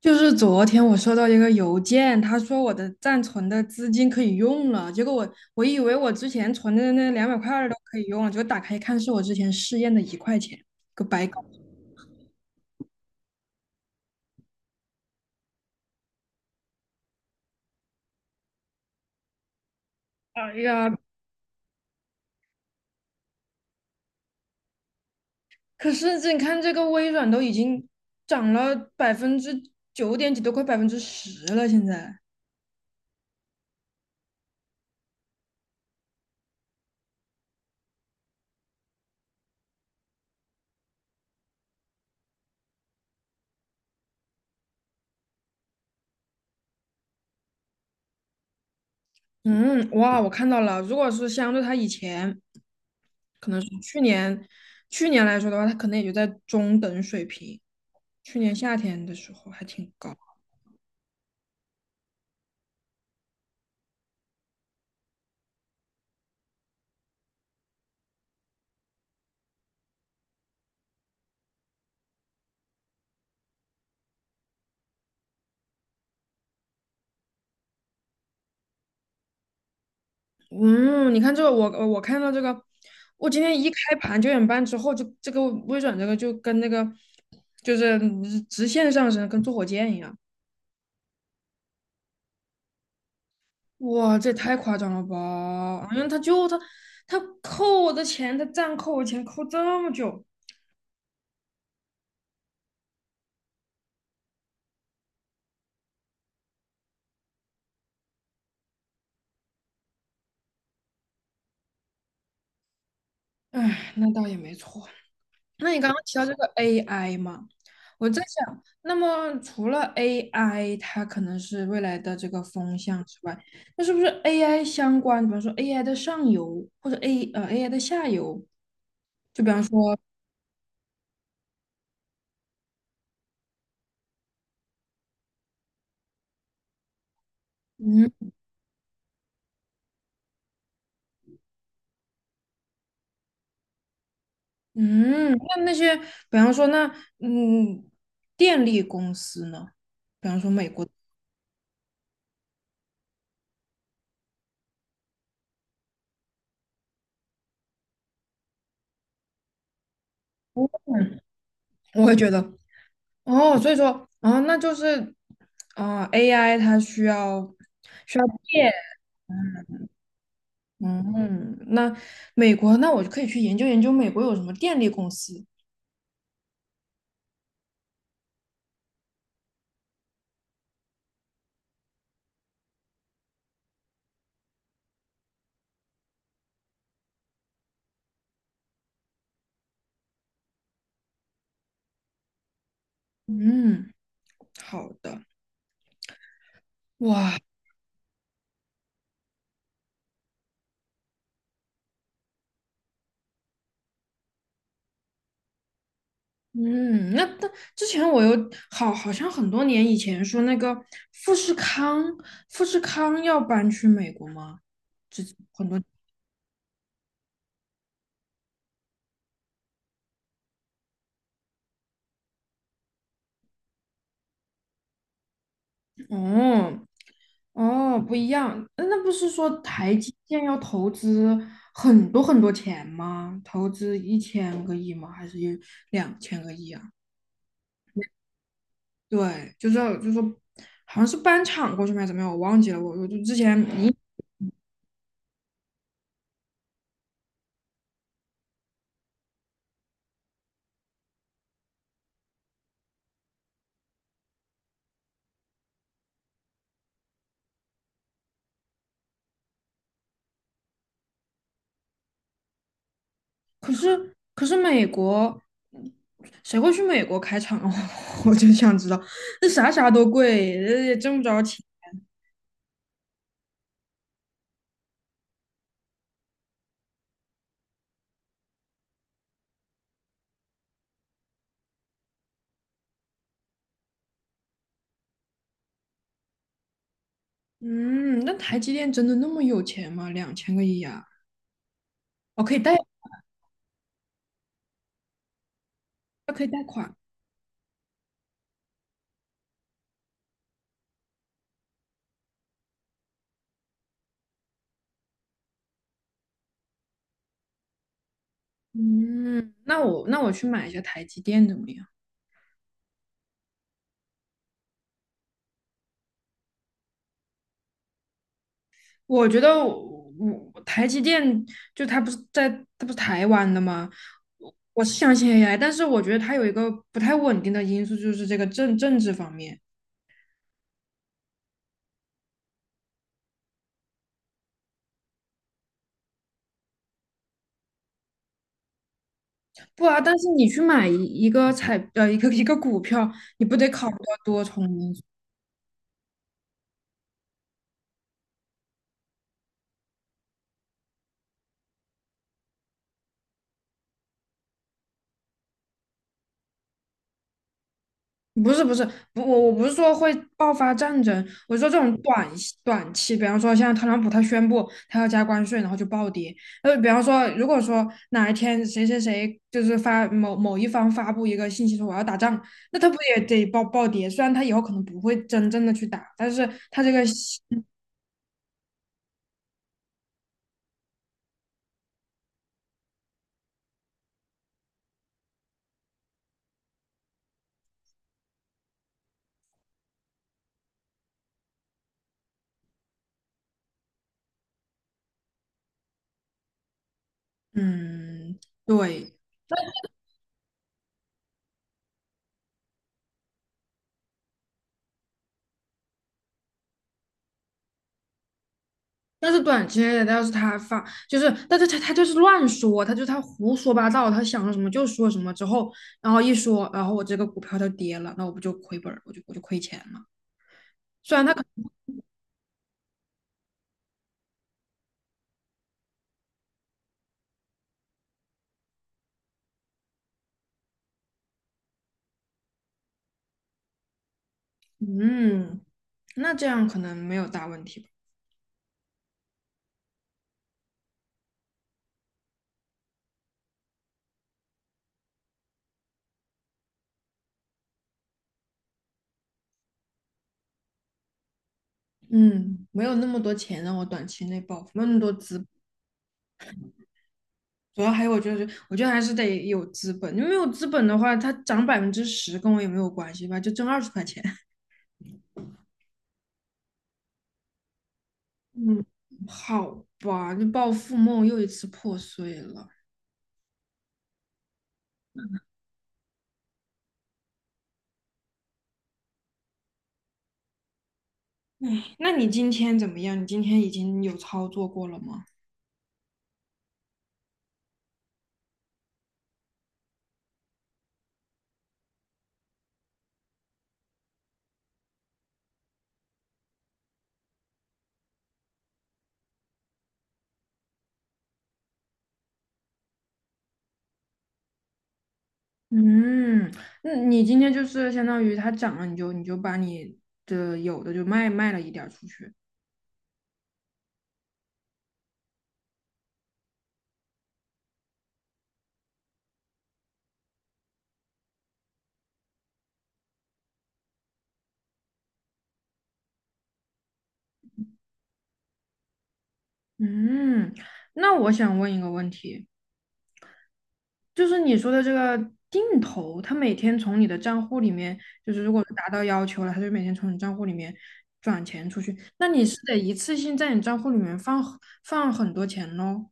就是昨天我收到一个邮件，他说我的暂存的资金可以用了，结果我以为我之前存的那200块儿都可以用了，结果打开一看是我之前试验的1块钱，个白搞。哎呀，可是这你看这个微软都已经涨了9点几%，都快百分之十了，现在。嗯，哇，我看到了，如果是相对它以前，可能是去年来说的话，它可能也就在中等水平，去年夏天的时候还挺高。嗯，你看这个，我看到这个，我今天一开盘9点半之后，就这个微软这个就跟那个就是直线上升，跟坐火箭一样。哇，这也太夸张了吧！因为他就他他扣我的钱，他暂扣我钱扣这么久，唉，那倒也没错。那你刚刚提到这个 AI 嘛，我在想，那么除了 AI，它可能是未来的这个风向之外，那是不是 AI 相关，比方说 AI 的上游或者 AI 的下游，就比方说，嗯嗯，那些，比方说那嗯电力公司呢，比方说美国，嗯，我会觉得哦，所以说哦，那就是AI 它需要。嗯，那美国，那我就可以去研究研究美国有什么电力公司。嗯，好的，哇，嗯，那之前我有好像很多年以前说那个富士康，富士康要搬去美国吗？之很多哦哦不一样，那不是说台积电要投资很多很多钱吗？投资1000亿吗？还是有两千个亿啊？对，就是说，好像是搬厂过去吗？还是怎么样？我忘记了。我就之前你可是美国，嗯谁会去美国开厂啊？我就想知道，这啥啥都贵，也挣不着钱。嗯，那台积电真的那么有钱吗？两千个亿啊！哦，可以贷款。嗯，那我去买一下台积电怎么样？我觉得我台积电就它不是在它不是台湾的吗？我是相信 AI，但是我觉得它有一个不太稳定的因素，就是这个政治方面。不啊，但是你去买一一个彩呃一个一个股票，你不得考虑到多重因。不是不是，不我不是说会爆发战争，我说这种短期，比方说像特朗普他宣布他要加关税，然后就暴跌。比方说如果说哪一天谁谁谁就是发某某一方发布一个信息说我要打仗，那他不也得暴跌？虽然他以后可能不会真正的去打，但是他这个信。嗯，对。但是短期内的要是他发，就是，但是他就是乱说，他胡说八道，他想说什么就说什么，之后然后一说，然后我这个股票就跌了，那我不就亏本儿我就亏钱了。虽然嗯，那这样可能没有大问题吧，嗯，没有那么多钱让我短期内暴富，没有那么多资本，主要还有我觉得还是得有资本，你没有资本的话，它涨百分之十跟我也没有关系吧，就挣20块钱。嗯，好吧，这暴富梦又一次破碎了。哎，那你今天怎么样？你今天已经有操作过了吗？嗯，那你今天就是相当于它涨了，你就把你的有的就卖了一点儿出去。嗯，那我想问一个问题，就是你说的这个定投，它每天从你的账户里面，就是如果是达到要求了，它就每天从你账户里面转钱出去，那你是得一次性在你账户里面放很多钱喽？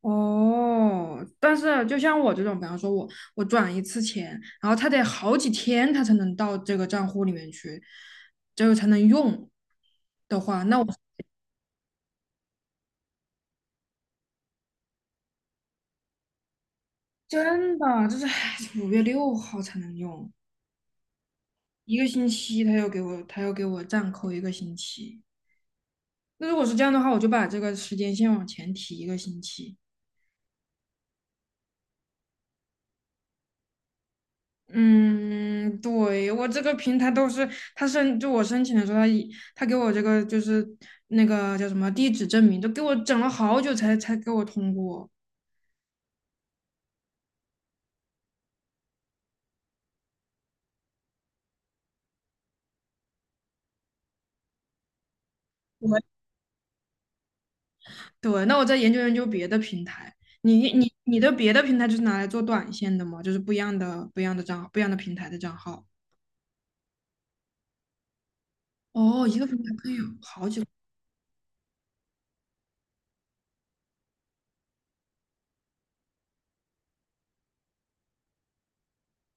哦，但是啊就像我这种，比方说我转一次钱，然后他得好几天，他才能到这个账户里面去，这个才能用的话，那我真的就是唉5月6号才能用，一个星期他要给我暂扣一个星期。那如果是这样的话，我就把这个时间线往前提一个星期。嗯，对，我这个平台都是就我申请的时候，他给我这个就是那个叫什么地址证明，都给我整了好久才给我通过。我对，那我再研究研究别的平台。你的别的平台就是拿来做短线的吗？就是不一样的账号，不一样的平台的账号。哦，一个平台可以有好几个。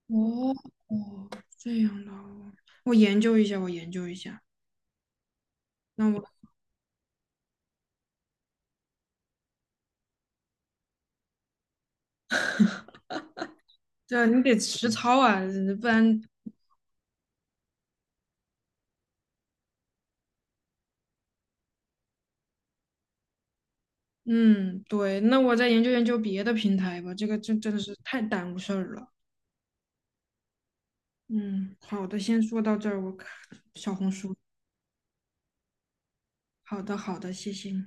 哦哦，这样的哦，我研究一下，我研究一下。那我这你得实操啊，不然。嗯，对，那我再研究研究别的平台吧，这个真的是太耽误事儿了。嗯，好的，先说到这儿，我看小红书。好的，好的，谢谢你。